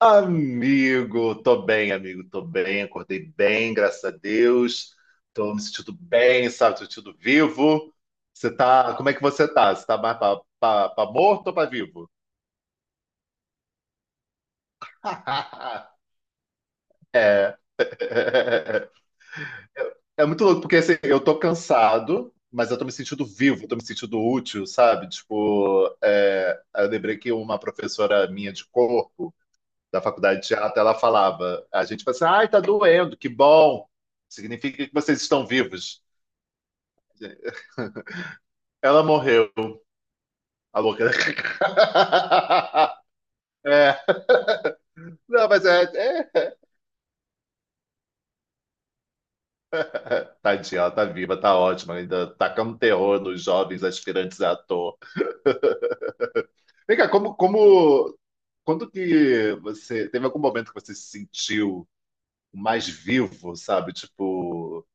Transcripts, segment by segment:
Amigo, tô bem, acordei bem, graças a Deus. Tô me sentindo bem, sabe, tô me sentindo vivo. Você tá, como é que você tá? Você tá mais pra morto ou pra vivo? É. É muito louco, porque assim, eu tô cansado, mas eu tô me sentindo vivo, tô me sentindo útil, sabe? Tipo, eu lembrei que uma professora minha de corpo da faculdade de teatro, ela falava. A gente falava assim, ai, tá doendo, que bom. Significa que vocês estão vivos. Ela morreu. A louca. É, não, mas é, é. Tadinha, ela tá viva, tá ótima, ainda tacando terror nos jovens aspirantes a ator. Vem cá, quando que você, teve algum momento que você se sentiu mais vivo, sabe? Tipo,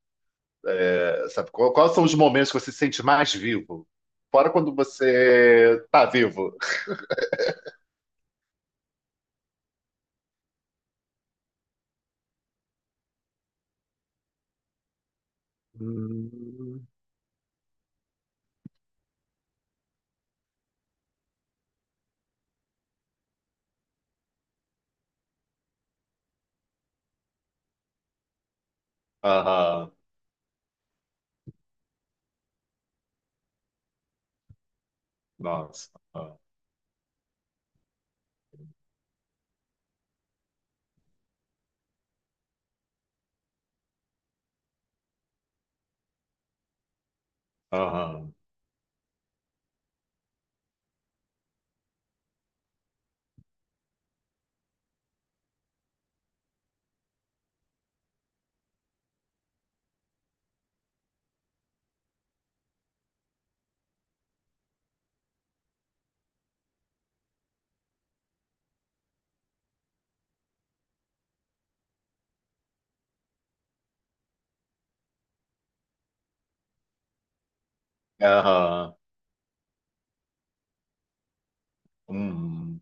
é, sabe, quais são os momentos que você se sente mais vivo? Fora quando você tá vivo. Hum. Aham, nossa. Aham, aham. Aham. Hum.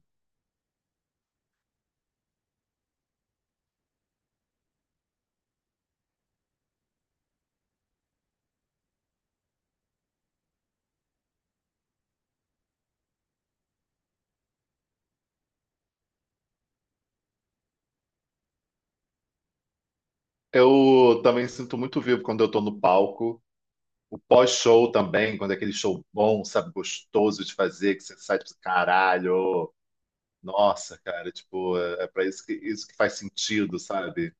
Eu também sinto muito vivo quando eu tô no palco. O pós-show também, quando é aquele show bom, sabe, gostoso de fazer, que você sai tipo, caralho, nossa, cara, tipo, é, é para isso que faz sentido, sabe?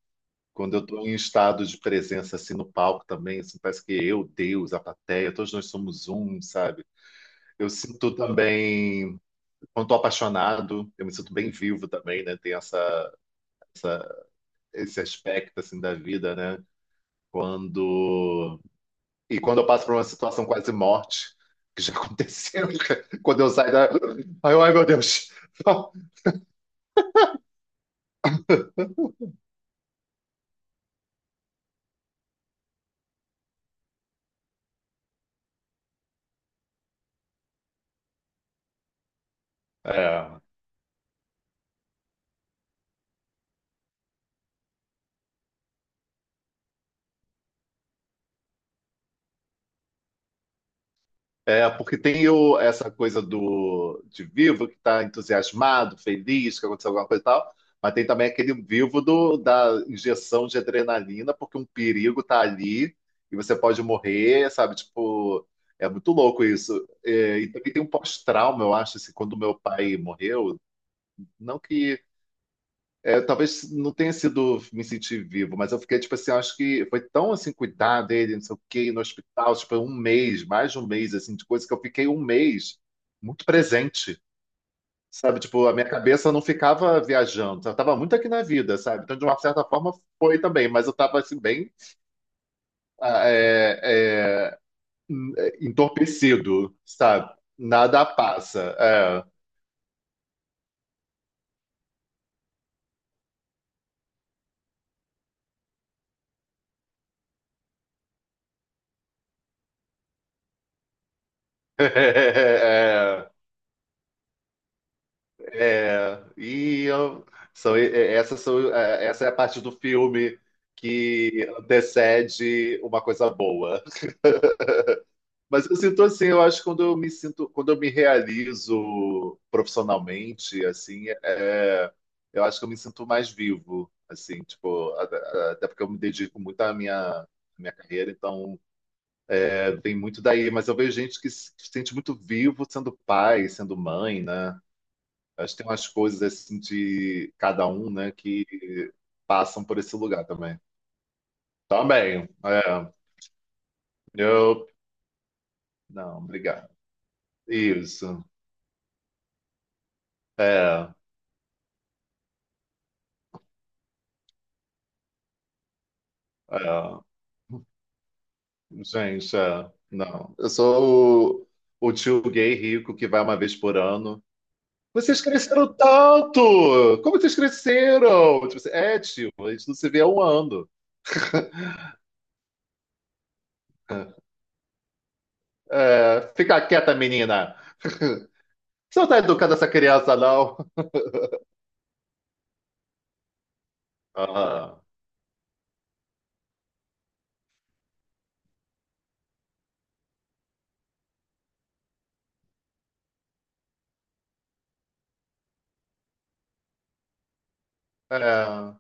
Quando eu tô em estado de presença assim no palco também, assim, parece que eu, Deus, a plateia, todos nós somos um, sabe? Eu sinto também quando estou apaixonado, eu me sinto bem vivo também, né? Tem essa, essa- esse aspecto assim da vida, né? Quando E quando eu passo por uma situação quase morte, que já aconteceu, quando eu saio da, ai, ai meu Deus. É. É, porque tem o, essa coisa do de vivo que está entusiasmado, feliz, que aconteceu alguma coisa e tal, mas tem também aquele vivo do, da injeção de adrenalina, porque um perigo está ali e você pode morrer, sabe? Tipo, é muito louco isso. É, e também tem um pós-trauma, eu acho, assim, quando meu pai morreu, não que talvez não tenha sido me sentir vivo, mas eu fiquei, tipo assim, acho que foi tão, assim, cuidar dele, não sei o quê, no hospital, tipo, um mês, mais de um mês, assim, de coisa que eu fiquei um mês muito presente, sabe? Tipo, a minha cabeça não ficava viajando, sabe? Eu tava muito aqui na vida, sabe? Então, de uma certa forma, foi também, mas eu tava, assim, bem ah, é, é, entorpecido, sabe? Nada passa, é. É, essas são, essa é a parte do filme que antecede uma coisa boa. Mas eu sinto assim, eu acho que quando eu me sinto, quando eu me realizo profissionalmente, assim, eu acho que eu me sinto mais vivo, assim, tipo, até porque eu me dedico muito à minha carreira, então é, tem muito daí. Mas eu vejo gente que se sente muito vivo sendo pai, sendo mãe, né? Acho que tem umas coisas assim de cada um, né, que passam por esse lugar também. Também, é. Eu, não, obrigado. Isso, é, é. Gente, é. Não. Eu sou o tio gay rico que vai uma vez por ano. Vocês cresceram tanto! Como vocês cresceram? Tipo assim, é, tio, a gente não se vê há um ano. É, fica quieta, menina. Você não tá educando essa criança, não. Ah, é.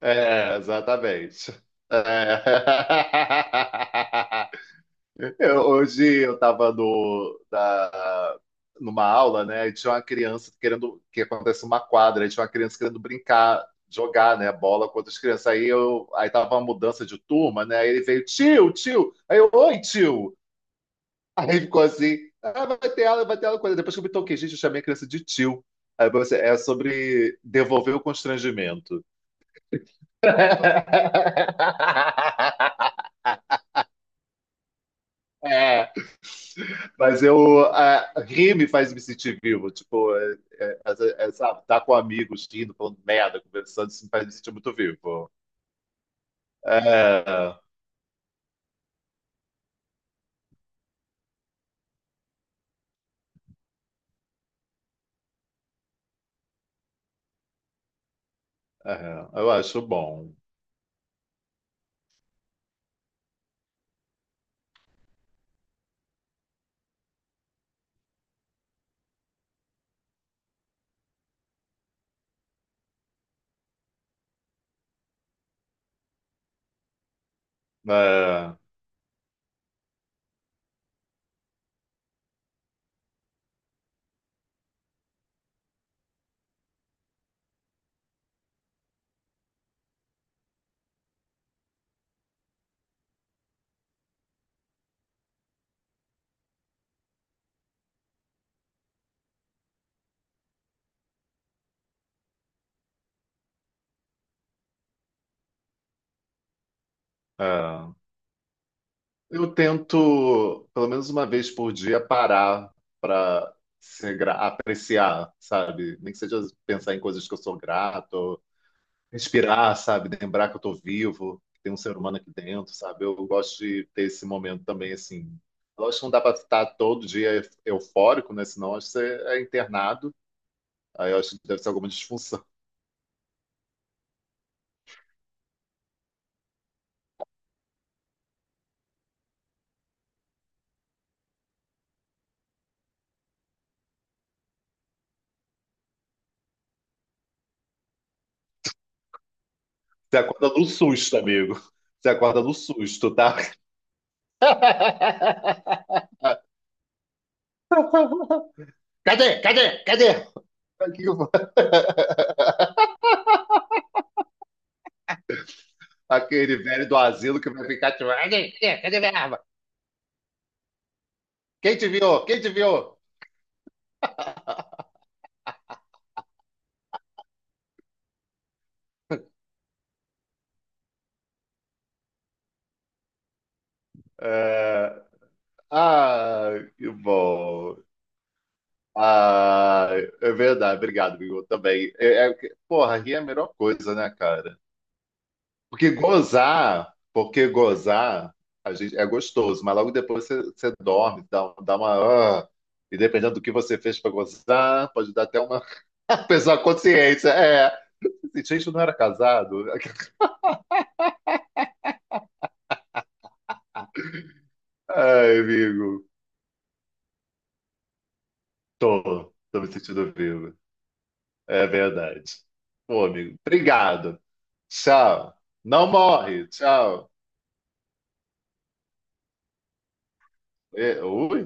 É, exatamente. É. Hoje eu estava no, da, numa aula, né? E tinha uma criança querendo que acontece uma quadra, e tinha uma criança querendo brincar, jogar, né, bola com outras crianças. Aí eu, aí tava uma mudança de turma, né? Aí ele veio, tio, tio. Aí eu, oi, tio. Aí ficou assim, ah, vai ter aula, vai ter aula. Depois que eu me toquei, gente, eu chamei a criança de tio. Aí você, é sobre devolver o constrangimento. É, mas rir me faz me sentir vivo, tipo, sabe, tá com amigos, rindo, falando merda, conversando, isso me faz me sentir muito vivo. É, é, eu acho bom. É, é. Eu tento, pelo menos uma vez por dia, parar para apreciar, sabe? Nem que seja pensar em coisas que eu sou grato, respirar, sabe? Lembrar que eu tô vivo, que tem um ser humano aqui dentro, sabe? Eu gosto de ter esse momento também, assim. Lógico que não dá para estar todo dia eufórico, né? Senão acho que você é internado. Aí eu acho que deve ser alguma disfunção. Você acorda no susto, amigo. Você acorda no susto, tá? Cadê? Cadê? Cadê? Aqui o- Aquele velho do asilo que vai ficar tipo, cadê? Cadê? Cadê minha arma? Quem te viu? Quem te viu? É... Ah, que bom. Ah, é verdade, obrigado, Igor, também. Porra, rir é a melhor coisa, né, cara? Porque gozar, a gente, é gostoso, mas logo depois você, você dorme, dá uma. Ah, e dependendo do que você fez pra gozar, pode dar até uma pessoa consciência. É, assim, gente, eu não era casado. Ai, amigo, tô me sentindo vivo. É verdade. Pô, amigo, obrigado. Tchau. Não morre. Tchau. E, ui.